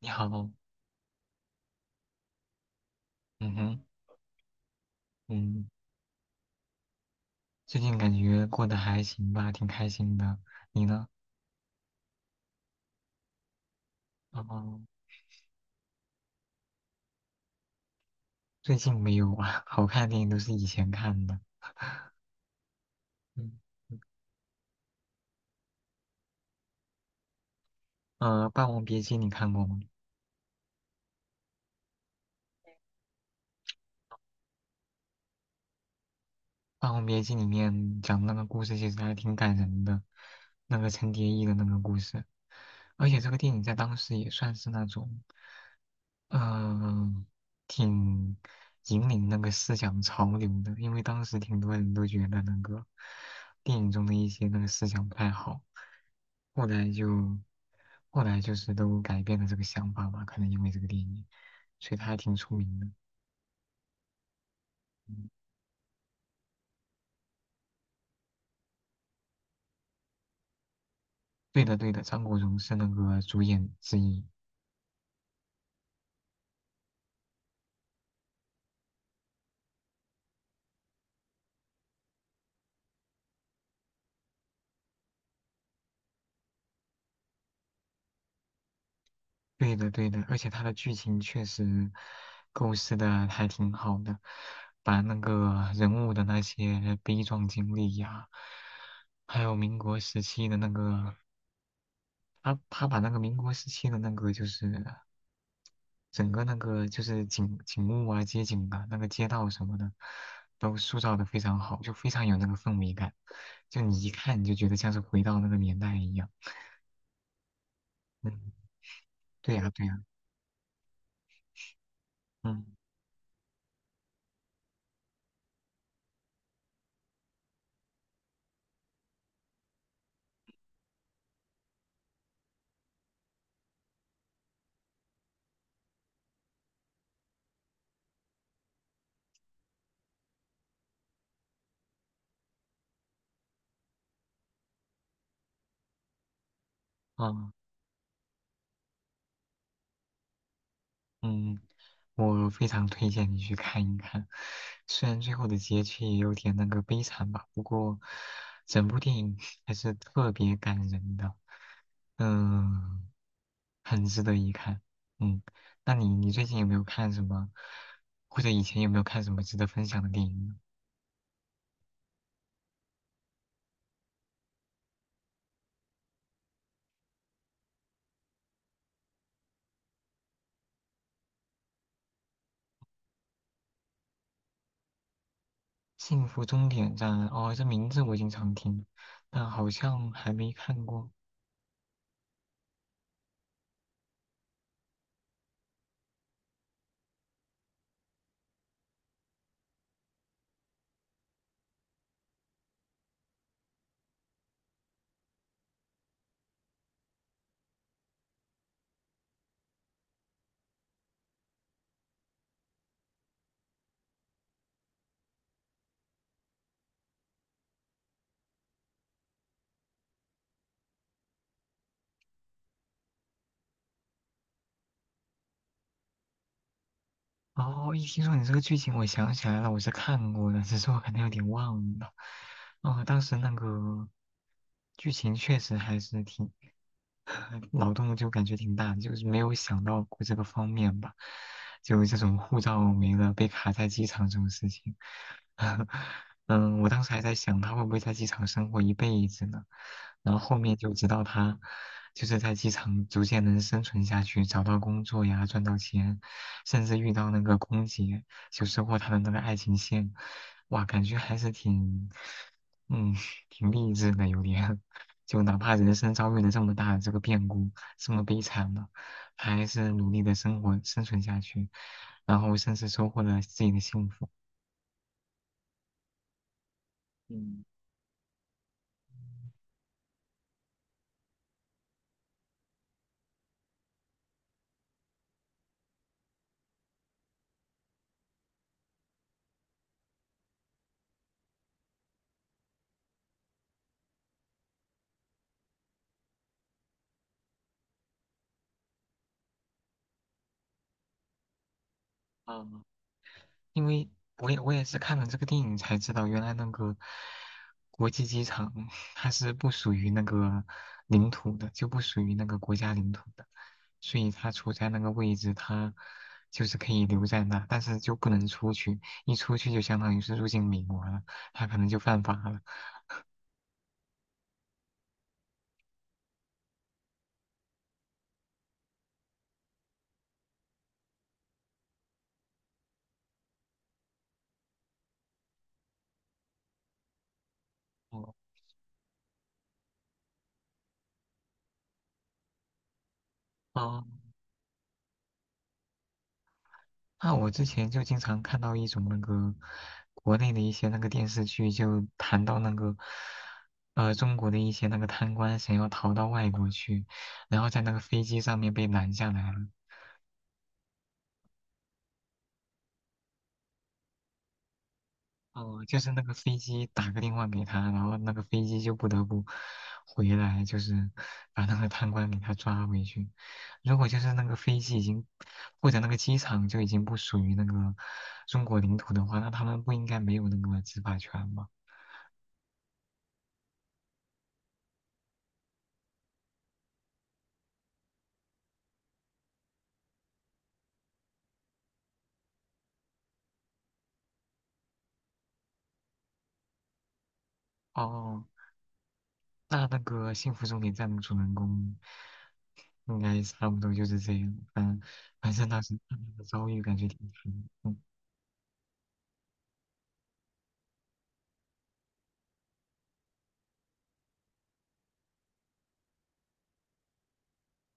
你好。嗯哼。嗯。最近感觉过得还行吧，挺开心的。你呢？哦，最近没有啊，好看的电影都是以前看的。嗯，《霸王别姬》你看过吗？《霸王别姬》里面讲的那个故事其实还挺感人的，那个陈蝶衣的那个故事，而且这个电影在当时也算是那种。嗯，挺引领那个思想潮流的，因为当时挺多人都觉得那个电影中的一些那个思想不太好，后来就后来就是都改变了这个想法吧，可能因为这个电影，所以他还挺出名的。嗯，对的，对的，张国荣是那个主演之一。对的，对的，而且它的剧情确实构思的还挺好的，把那个人物的那些悲壮经历呀，还有民国时期的那个，他把那个民国时期的那个就是整个那个就是景物啊、街景啊、那个街道什么的，都塑造的非常好，就非常有那个氛围感，就你一看你就觉得像是回到那个年代一样。嗯，对呀，对呀。嗯。啊。嗯，我非常推荐你去看一看，虽然最后的结局也有点那个悲惨吧，不过整部电影还是特别感人的。嗯，很值得一看。嗯，那你最近有没有看什么，或者以前有没有看什么值得分享的电影呢？《幸福终点站》哦，这名字我经常听，但好像还没看过。哦，一听说你这个剧情，我想起来了，我是看过的，只是我可能有点忘了。哦，当时那个剧情确实还是挺脑洞就感觉挺大的，就是没有想到过这个方面吧，就这种护照没了被卡在机场这种事情。嗯，我当时还在想他会不会在机场生活一辈子呢，然后后面就知道他就是在机场逐渐能生存下去，找到工作呀，赚到钱，甚至遇到那个空姐，就收获他的那个爱情线。哇，感觉还是挺，嗯，挺励志的，有点。就哪怕人生遭遇了这么大的这个变故，这么悲惨了，他还是努力的生活生存下去，然后甚至收获了自己的幸福。嗯。啊，因为我也是看了这个电影才知道，原来那个国际机场它是不属于那个领土的，就不属于那个国家领土的，所以它处在那个位置，它就是可以留在那，但是就不能出去，一出去就相当于是入境美国了，它可能就犯法了。哦。哦，那我之前就经常看到一种那个国内的一些那个电视剧，就谈到那个中国的一些那个贪官想要逃到外国去，然后在那个飞机上面被拦下来了。哦，就是那个飞机打个电话给他，然后那个飞机就不得不回来，就是把那个贪官给他抓回去。如果就是那个飞机已经或者那个机场就已经不属于那个中国领土的话，那他们不应该没有那个执法权吗？哦，那那个《幸福终点站》的主人公应该差不多就是这样。嗯，反正当时他那个遭遇感觉挺惨的。嗯，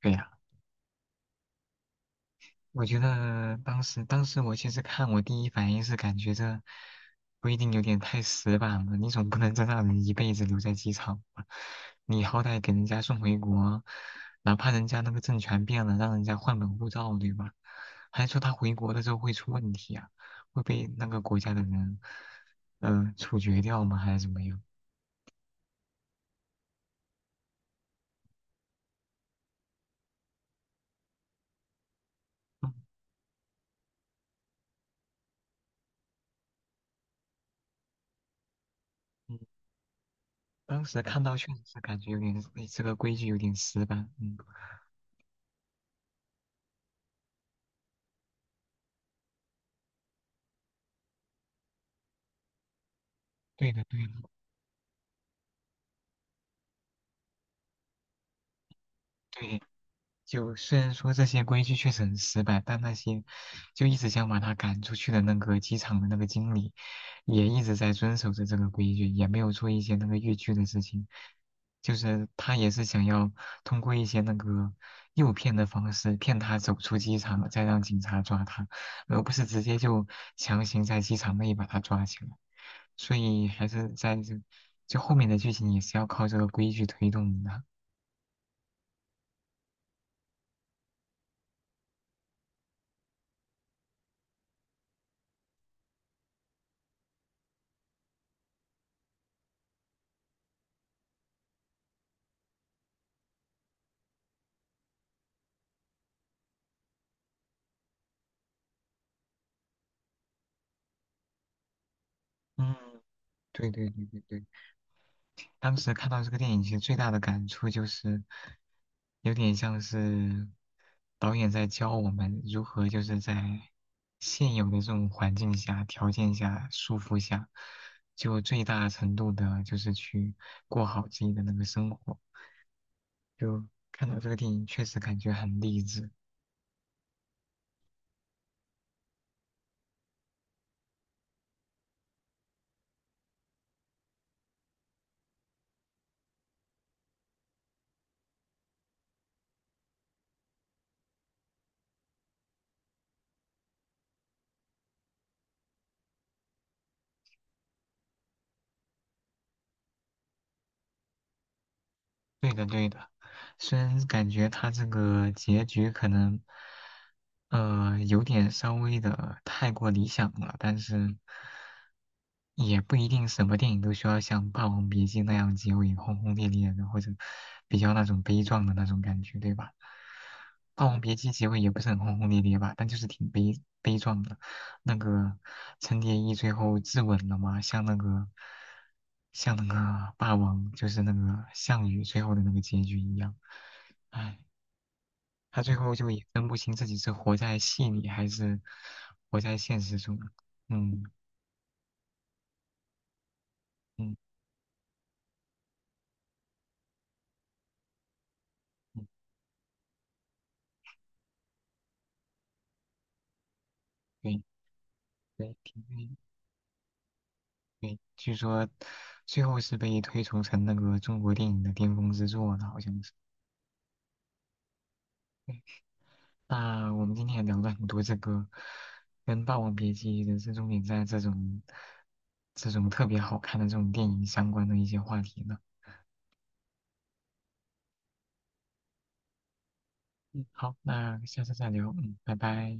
对呀。我觉得当时,我其实看，我第一反应是感觉这规定有点太死板了。你总不能真让人一辈子留在机场吧？你好歹给人家送回国，哪怕人家那个政权变了，让人家换本护照，对吧？还说他回国了之后会出问题啊，会被那个国家的人，处决掉吗？还是怎么样？嗯。嗯，当时看到确实是感觉有点，哎这个规矩有点死板。嗯，对的,对的,对。就虽然说这些规矩确实很失败，但那些就一直想把他赶出去的那个机场的那个经理，也一直在遵守着这个规矩，也没有做一些那个越矩的事情。就是他也是想要通过一些那个诱骗的方式骗他走出机场，再让警察抓他，而不是直接就强行在机场内把他抓起来。所以还是在这，就后面的剧情也是要靠这个规矩推动的。嗯，对。当时看到这个电影，其实最大的感触就是，有点像是导演在教我们如何就是在现有的这种环境下、条件下、束缚下，就最大程度的就是去过好自己的那个生活。就看到这个电影，确实感觉很励志。对的，对的。虽然感觉他这个结局可能，有点稍微的太过理想了，但是也不一定什么电影都需要像《霸王别姬》那样结尾轰轰烈烈的，或者比较那种悲壮的那种感觉，对吧？《霸王别姬》结尾也不是很轰轰烈烈吧，但就是挺悲壮的。那个陈蝶衣最后自刎了吗？像那个，像那个霸王，就是那个项羽最后的那个结局一样。唉，他最后就也分不清自己是活在戏里还是活在现实中。嗯。嗯。嗯，对对挺对对，据说最后是被推崇成那个中国电影的巅峰之作的，好像是。对，那我们今天也聊了很多这个跟《霸王别姬》《人生终点站》这种这种特别好看的这种电影相关的一些话题呢。嗯，好，那下次再聊。嗯，拜拜。